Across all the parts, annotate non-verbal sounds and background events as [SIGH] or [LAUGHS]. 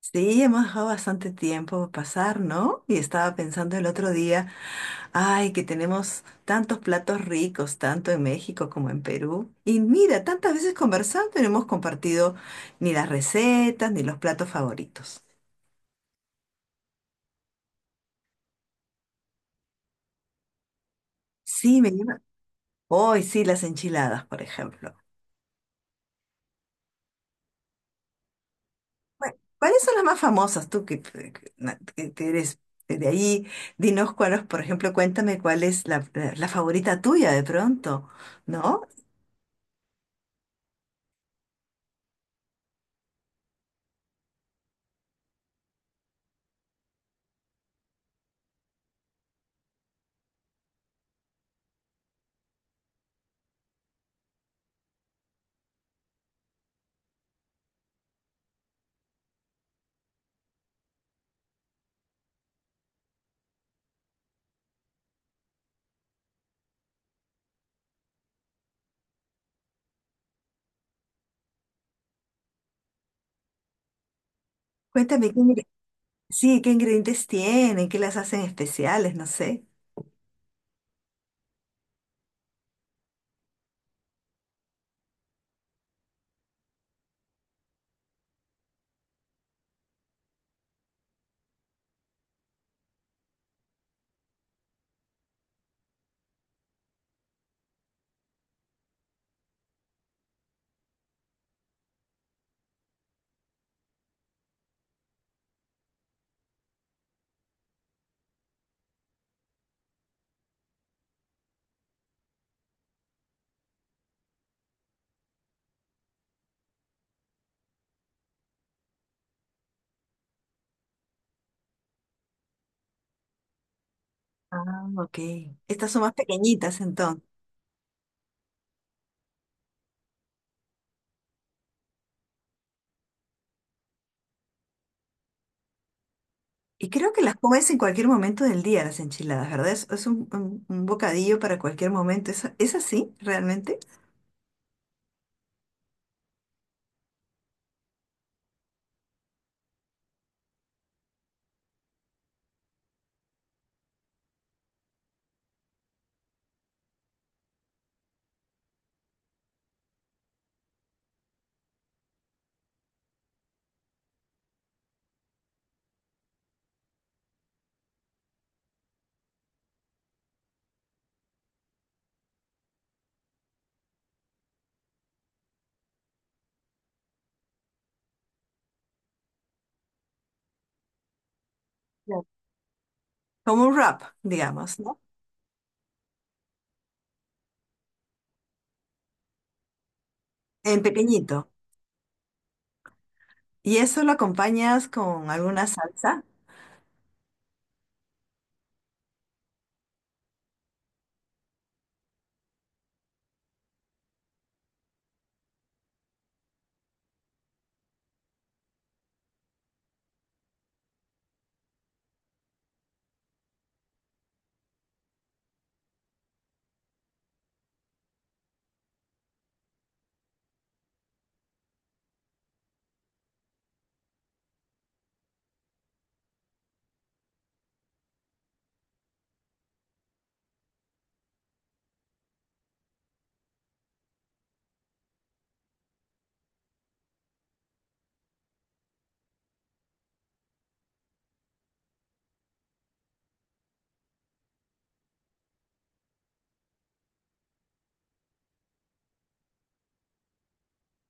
Sí, hemos dejado bastante tiempo pasar, ¿no? Y estaba pensando el otro día, ay, que tenemos tantos platos ricos, tanto en México como en Perú. Y mira, tantas veces conversando y no hemos compartido ni las recetas ni los platos favoritos. Sí, me llama. Hoy sí, las enchiladas, por ejemplo. Bueno, ¿cuáles son las más famosas, tú que eres de ahí? Dinos cuáles, por ejemplo, cuéntame cuál es la favorita tuya de pronto, ¿no? Cuéntame qué. Sí, ¿qué ingredientes tienen? ¿Qué las hacen especiales? No sé. Ah, ok. Estas son más pequeñitas entonces. Y creo que las comes en cualquier momento del día, las enchiladas, ¿verdad? Es un bocadillo para cualquier momento. ¿Es así realmente? Claro. Como un wrap, digamos, ¿no? En pequeñito. ¿Y eso lo acompañas con alguna salsa?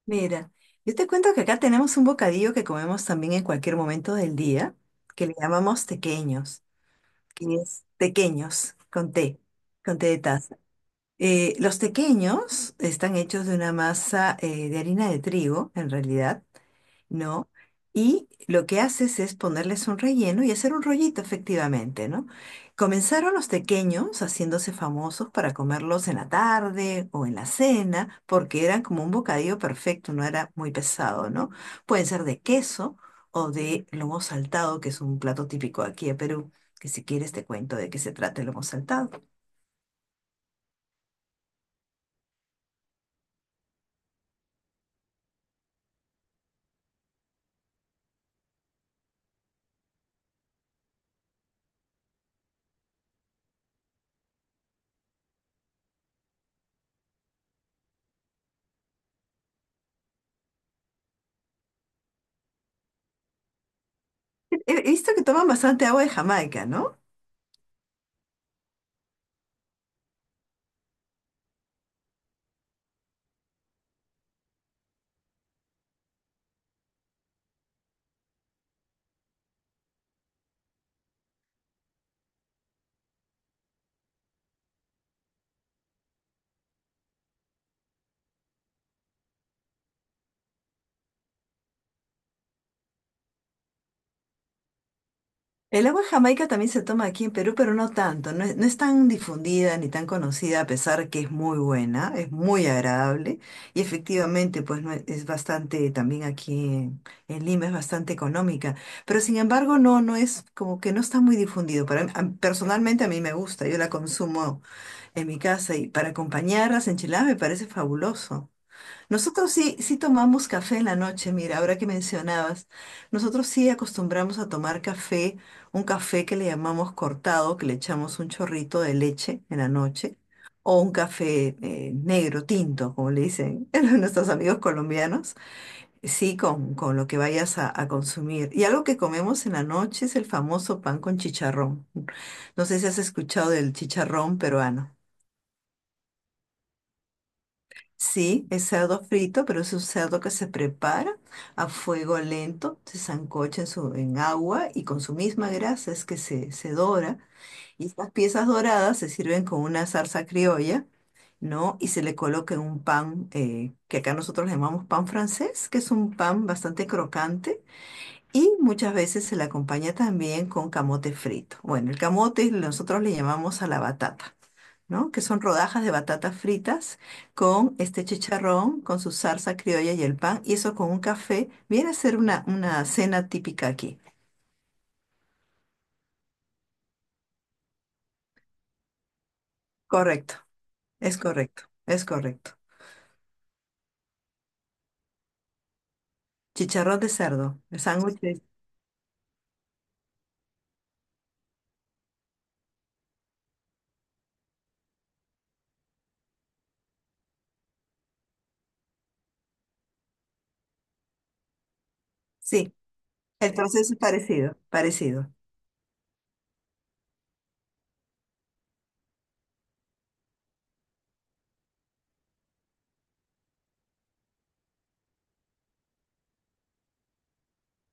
Mira, yo te cuento que acá tenemos un bocadillo que comemos también en cualquier momento del día, que le llamamos tequeños, que es tequeños con té de taza. Los tequeños están hechos de una masa de harina de trigo, en realidad, ¿no? Y lo que haces es ponerles un relleno y hacer un rollito, efectivamente, ¿no? Comenzaron los pequeños haciéndose famosos para comerlos en la tarde o en la cena, porque eran como un bocadillo perfecto, no era muy pesado, ¿no? Pueden ser de queso o de lomo saltado, que es un plato típico aquí de Perú, que si quieres te cuento de qué se trata el lomo saltado. He visto que toman bastante agua de Jamaica, ¿no? El agua de Jamaica también se toma aquí en Perú, pero no tanto. No es tan difundida ni tan conocida, a pesar que es muy buena, es muy agradable. Y efectivamente, pues no es, es bastante, también aquí en Lima es bastante económica. Pero sin embargo, no es como que no está muy difundido. Para mí- a- personalmente a mí me gusta, yo la consumo en mi casa, y para acompañar las enchiladas me parece fabuloso. Nosotros sí, sí tomamos café en la noche. Mira, ahora que mencionabas, nosotros sí acostumbramos a tomar café, un café que le llamamos cortado, que le echamos un chorrito de leche en la noche, o un café negro, tinto, como le dicen [LAUGHS] nuestros amigos colombianos, sí, con lo que vayas a consumir. Y algo que comemos en la noche es el famoso pan con chicharrón. No sé si has escuchado del chicharrón peruano. Sí, es cerdo frito, pero es un cerdo que se prepara a fuego lento, se sancocha en, su, en agua, y con su misma grasa es que se dora. Y estas piezas doradas se sirven con una salsa criolla, ¿no? Y se le coloca en un pan que acá nosotros le llamamos pan francés, que es un pan bastante crocante. Y muchas veces se le acompaña también con camote frito. Bueno, el camote nosotros le llamamos a la batata, ¿no? Que son rodajas de batatas fritas con este chicharrón, con su salsa criolla y el pan, y eso con un café, viene a ser una cena típica aquí. Correcto, es correcto, es correcto. Chicharrón de cerdo, el sándwich, sí, el proceso es parecido, parecido.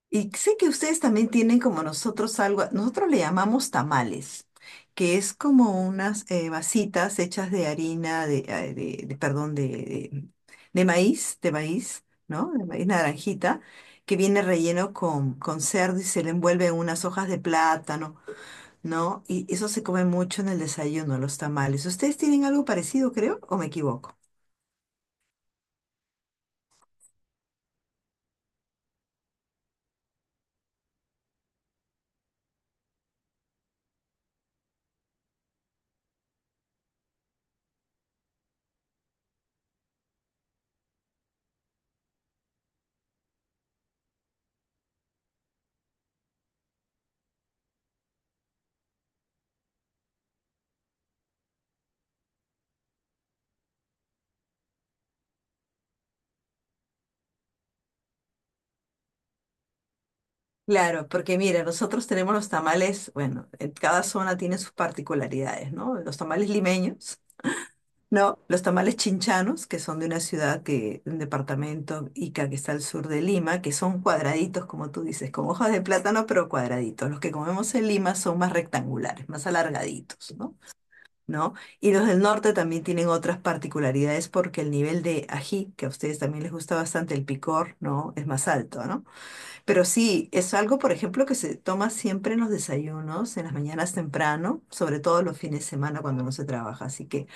Y sé que ustedes también tienen como nosotros algo, nosotros le llamamos tamales, que es como unas vasitas hechas de harina, de, perdón, de maíz, ¿no? De maíz naranjita, que viene relleno con cerdo y se le envuelve en unas hojas de plátano, ¿no? Y eso se come mucho en el desayuno, los tamales. ¿Ustedes tienen algo parecido, creo, o me equivoco? Claro, porque mira, nosotros tenemos los tamales, bueno, en cada zona tiene sus particularidades, ¿no? Los tamales limeños, ¿no? Los tamales chinchanos, que son de una ciudad que, un departamento Ica que está al sur de Lima, que son cuadraditos, como tú dices, con hojas de plátano, pero cuadraditos. Los que comemos en Lima son más rectangulares, más alargaditos, ¿no? ¿No? Y los del norte también tienen otras particularidades porque el nivel de ají, que a ustedes también les gusta bastante el picor, ¿no? Es más alto, ¿no? Pero sí, es algo, por ejemplo, que se toma siempre en los desayunos, en las mañanas temprano, sobre todo los fines de semana cuando no se trabaja. Así que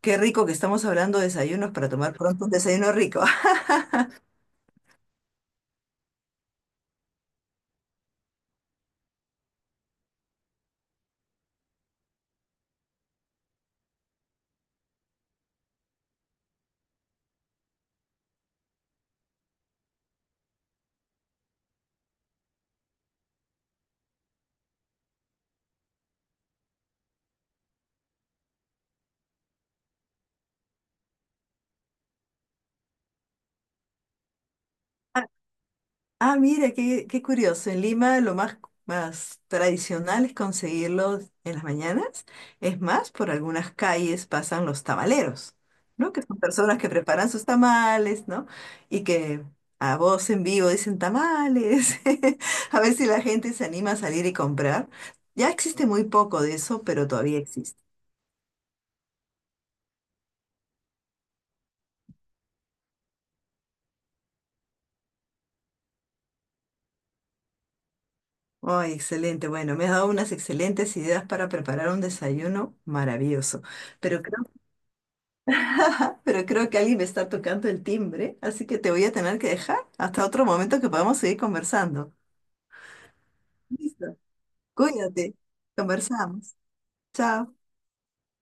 qué rico que estamos hablando de desayunos para tomar pronto un desayuno rico. [LAUGHS] Ah, mira, qué, qué curioso. En Lima lo más, más tradicional es conseguirlo en las mañanas. Es más, por algunas calles pasan los tamaleros, ¿no? Que son personas que preparan sus tamales, ¿no? Y que a voz en vivo dicen tamales. [LAUGHS] A ver si la gente se anima a salir y comprar. Ya existe muy poco de eso, pero todavía existe. Ay, excelente. Bueno, me has dado unas excelentes ideas para preparar un desayuno maravilloso. Pero [LAUGHS] pero creo que alguien me está tocando el timbre, así que te voy a tener que dejar hasta otro momento que podamos seguir conversando. Listo. Cuídate. Conversamos. Chao.